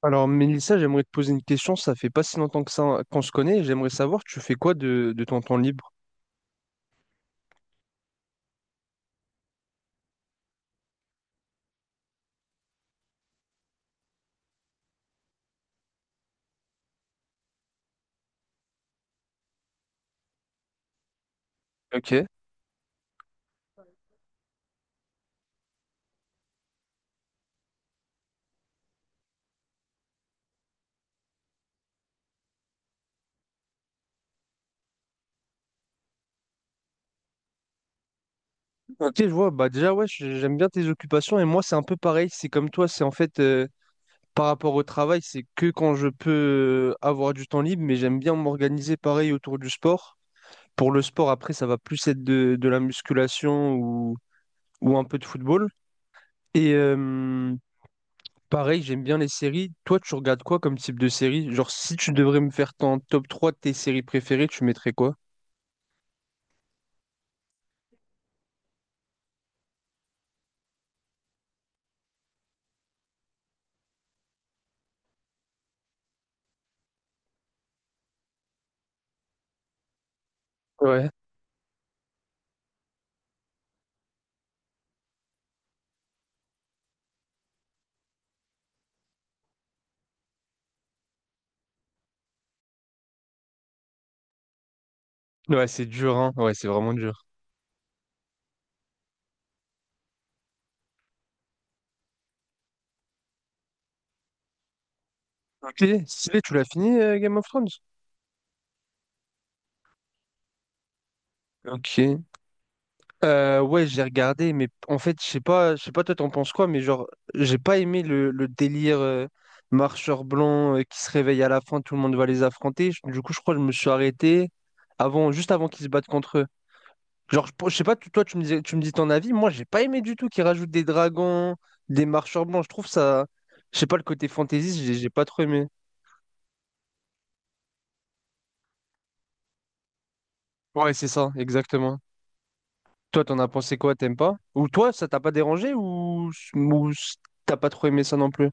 Alors, Mélissa, j'aimerais te poser une question. Ça fait pas si longtemps que ça qu'on se connaît. J'aimerais savoir, tu fais quoi de ton temps libre? Ok. Ok, je vois. Bah déjà, ouais, j'aime bien tes occupations. Et moi, c'est un peu pareil. C'est comme toi. C'est en fait par rapport au travail, c'est que quand je peux avoir du temps libre. Mais j'aime bien m'organiser pareil autour du sport. Pour le sport, après, ça va plus être de la musculation ou un peu de football. Et, pareil, j'aime bien les séries. Toi, tu regardes quoi comme type de série? Genre, si tu devrais me faire ton top 3 de tes séries préférées, tu mettrais quoi? Ouais. Ouais, c'est dur, hein. Ouais, c'est vraiment dur. Ok, stylé, tu l'as fini, Game of Thrones? Ok. Ouais, j'ai regardé, mais en fait, je sais pas, toi t'en penses quoi, mais genre, j'ai pas aimé le délire marcheur blanc qui se réveille à la fin, tout le monde va les affronter. Du coup, je crois que je me suis arrêté avant, juste avant qu'ils se battent contre eux. Genre, je sais pas, toi tu me dis ton avis, moi j'ai pas aimé du tout qu'ils rajoutent des dragons, des marcheurs blancs. Je trouve ça, je sais pas, le côté fantaisiste, j'ai pas trop aimé. Ouais, c'est ça, exactement. Toi, t'en as pensé quoi, t'aimes pas? Ou toi, ça t'a pas dérangé ou t'as pas trop aimé ça non plus?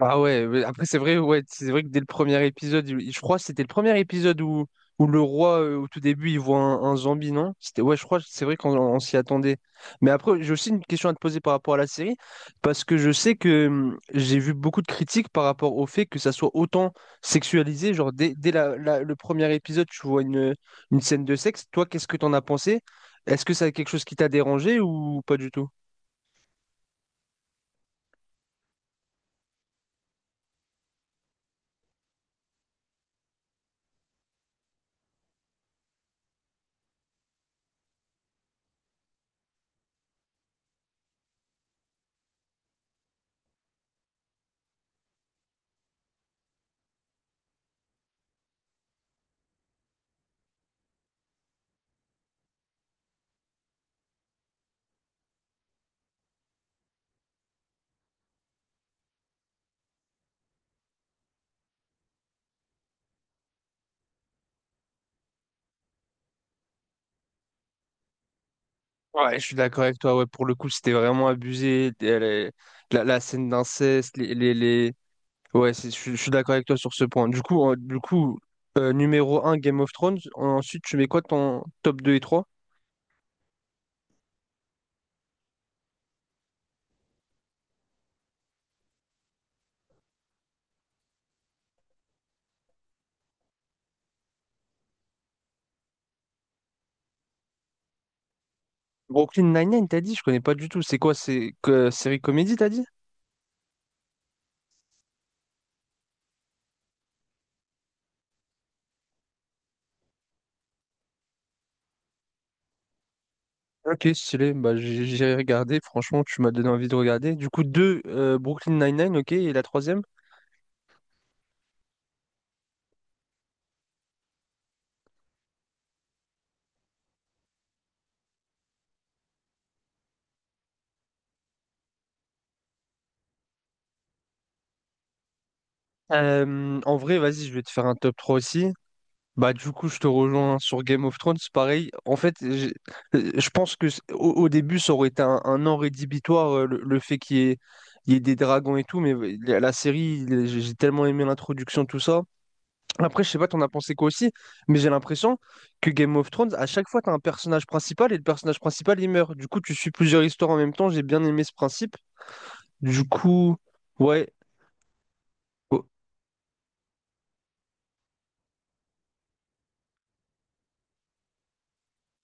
Ah ouais, mais après c'est vrai, ouais, c'est vrai que dès le premier épisode, je crois que c'était le premier épisode où le roi, au tout début, il voit un zombie, non? C'était, ouais, je crois que c'est vrai qu'on s'y attendait. Mais après, j'ai aussi une question à te poser par rapport à la série, parce que je sais que j'ai vu beaucoup de critiques par rapport au fait que ça soit autant sexualisé, genre dès le premier épisode, tu vois une scène de sexe. Toi, qu'est-ce que t'en as pensé? Est-ce que ça a quelque chose qui t'a dérangé ou pas du tout? Ouais, je suis d'accord avec toi. Ouais, pour le coup, c'était vraiment abusé. La scène d'inceste, ouais, je suis d'accord avec toi sur ce point. Du coup, du coup numéro un Game of Thrones. Ensuite, tu mets quoi ton top deux et trois? Brooklyn Nine-Nine, t'as dit? Je connais pas du tout. C'est quoi? C'est que série comédie, t'as dit? Ok, stylé. Bah, j'ai regardé. Franchement, tu m'as donné envie de regarder. Du coup, 2, Brooklyn Nine-Nine, ok. Et la troisième? En vrai, vas-y, je vais te faire un top 3 aussi. Bah du coup je te rejoins sur Game of Thrones, pareil. En fait, je pense que au début ça aurait été un an rédhibitoire le fait il y ait des dragons et tout, mais la série, j'ai tellement aimé l'introduction, tout ça. Après, je sais pas, t'en as pensé quoi aussi, mais j'ai l'impression que Game of Thrones, à chaque fois, t'as un personnage principal et le personnage principal il meurt. Du coup, tu suis plusieurs histoires en même temps, j'ai bien aimé ce principe. Du coup, ouais, oh,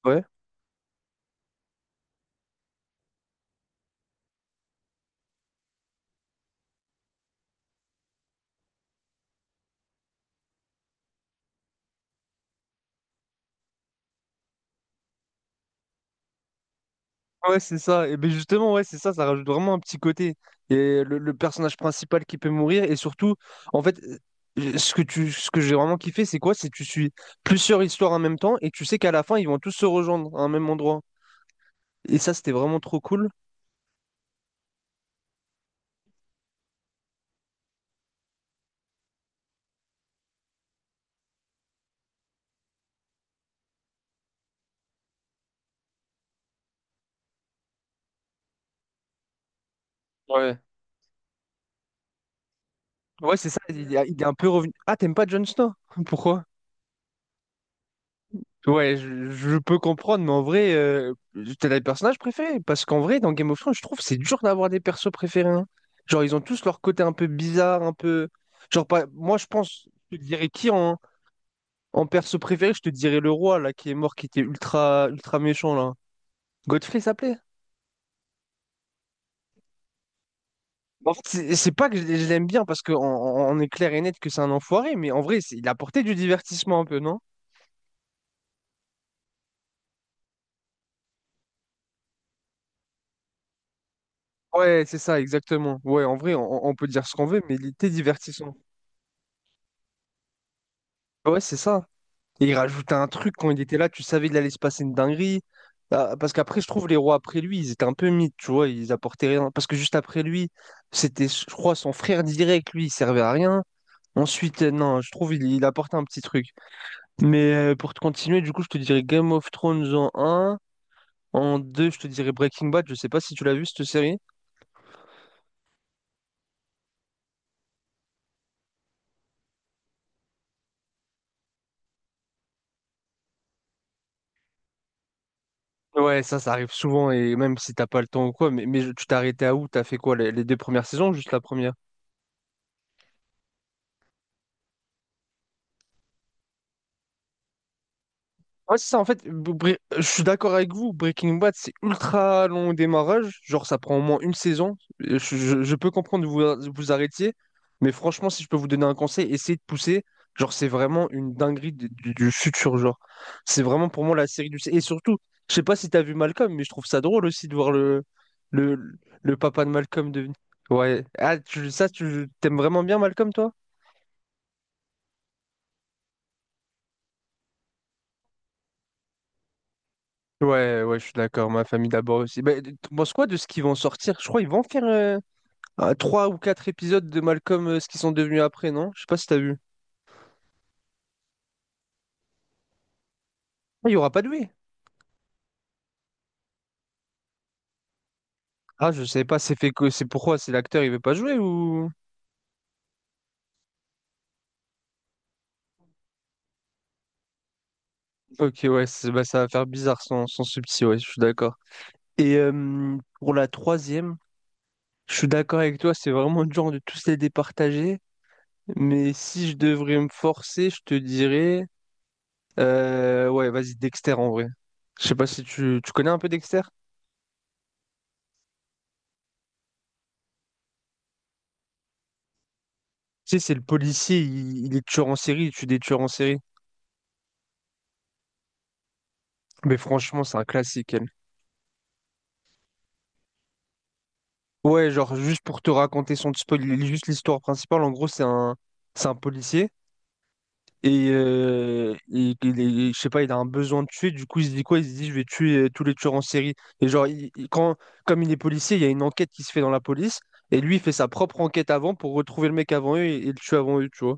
ouais. Ouais, c'est ça. Et ben justement, ouais, c'est ça, ça rajoute vraiment un petit côté. Et le personnage principal qui peut mourir, et surtout, en fait, ce que j'ai vraiment kiffé, c'est quoi? C'est que tu suis plusieurs histoires en même temps, et tu sais qu'à la fin, ils vont tous se rejoindre à un même endroit. Et ça, c'était vraiment trop cool. Ouais. Ouais, c'est ça, il est un peu revenu. Ah, t'aimes pas Jon Snow? Pourquoi? Ouais, je peux comprendre, mais en vrai, t'as des personnages préférés. Parce qu'en vrai, dans Game of Thrones, je trouve que c'est dur d'avoir des persos préférés, hein. Genre, ils ont tous leur côté un peu bizarre, un peu. Genre, pas... moi, je pense, je te dirais qui en, en perso préféré? Je te dirais le roi, là, qui est mort, qui était ultra méchant, là. Godfrey s'appelait? En fait, c'est pas que je l'aime bien, parce qu'on est clair et net que c'est un enfoiré, mais en vrai, il apportait du divertissement un peu, non? Ouais, c'est ça, exactement. Ouais, en vrai, on peut dire ce qu'on veut, mais il était divertissant. Ouais, c'est ça. Et il rajoutait un truc quand il était là, tu savais qu'il allait se passer une dinguerie. Ah, parce qu'après, je trouve les rois après lui, ils étaient un peu mythes, tu vois, ils apportaient rien. Parce que juste après lui, c'était, je crois, son frère direct, lui, il servait à rien. Ensuite, non, je trouve il apportait un petit truc. Mais pour te continuer, du coup, je te dirais Game of Thrones en un. En 2, je te dirais Breaking Bad. Je sais pas si tu l'as vu, cette série. Ouais, ça arrive souvent, et même si t'as pas le temps ou quoi, mais tu t'es arrêté à où? T'as fait quoi, les deux premières saisons ou juste la première? Ouais, c'est ça, en fait, je suis d'accord avec vous, Breaking Bad, c'est ultra long au démarrage, genre ça prend au moins une saison. Je peux comprendre que vous arrêtiez, mais franchement, si je peux vous donner un conseil, essayez de pousser. Genre, c'est vraiment une dinguerie du futur, genre. C'est vraiment pour moi la série du... Et surtout, je sais pas si t'as vu Malcolm, mais je trouve ça drôle aussi de voir le, le papa de Malcolm devenir... Ouais, ah, tu t'aimes vraiment bien Malcolm, toi? Ouais, je suis d'accord, ma famille d'abord aussi. Bah, tu penses quoi de ce qu'ils vont sortir? Je crois qu'ils vont faire... ah, trois ou quatre épisodes de Malcolm, ce qu'ils sont devenus après, non? Je sais pas si t'as vu. Ah, il y aura pas de lui. Ah, je sais pas, c'est fait que c'est pourquoi c'est l'acteur, il veut pas jouer ou. Ok, ouais, bah, ça va faire bizarre sans subtil, ouais, je suis d'accord. Et pour la troisième, je suis d'accord avec toi, c'est vraiment le genre de tous les départager. Mais si je devrais me forcer, je te dirais ouais, vas-y, Dexter en vrai. Je sais pas si tu connais un peu Dexter? Tu sais, c'est le policier, il est tueur en série, il tue des tueurs en série. Mais franchement, c'est un classique. Ouais, genre juste pour te raconter sans te spoiler juste l'histoire principale, en gros c'est un policier et, je sais pas, il a un besoin de tuer, du coup il se dit quoi? Il se dit je vais tuer tous les tueurs en série. Et genre il- quand comme il est policier, il y a une enquête qui se fait dans la police et lui il fait sa propre enquête avant pour retrouver le mec avant eux et le tuer avant eux, tu vois.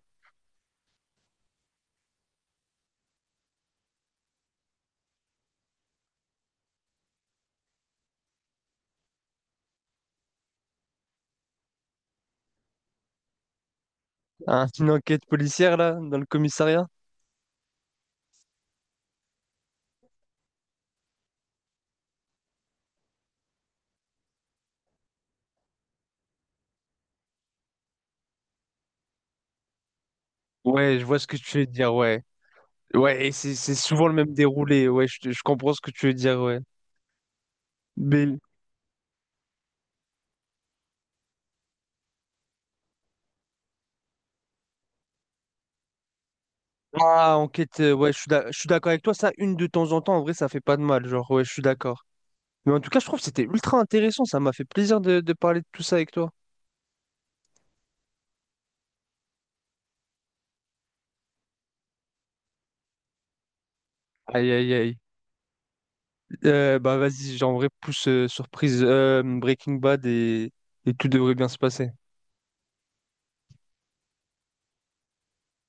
Hein, une enquête policière là dans le commissariat? Ouais, je vois ce que tu veux dire, ouais. Ouais, et c'est souvent le même déroulé, ouais, je comprends ce que tu veux dire, ouais. Mais ah, enquête, ouais, je suis d'accord avec toi. Ça, une de temps en temps, en vrai, ça fait pas de mal. Genre, ouais, je suis d'accord. Mais en tout cas, je trouve que c'était ultra intéressant. Ça m'a fait plaisir de parler de tout ça avec toi. Aïe, aïe, aïe. Bah, vas-y, genre, en vrai, pousse surprise Breaking Bad et tout devrait bien se passer.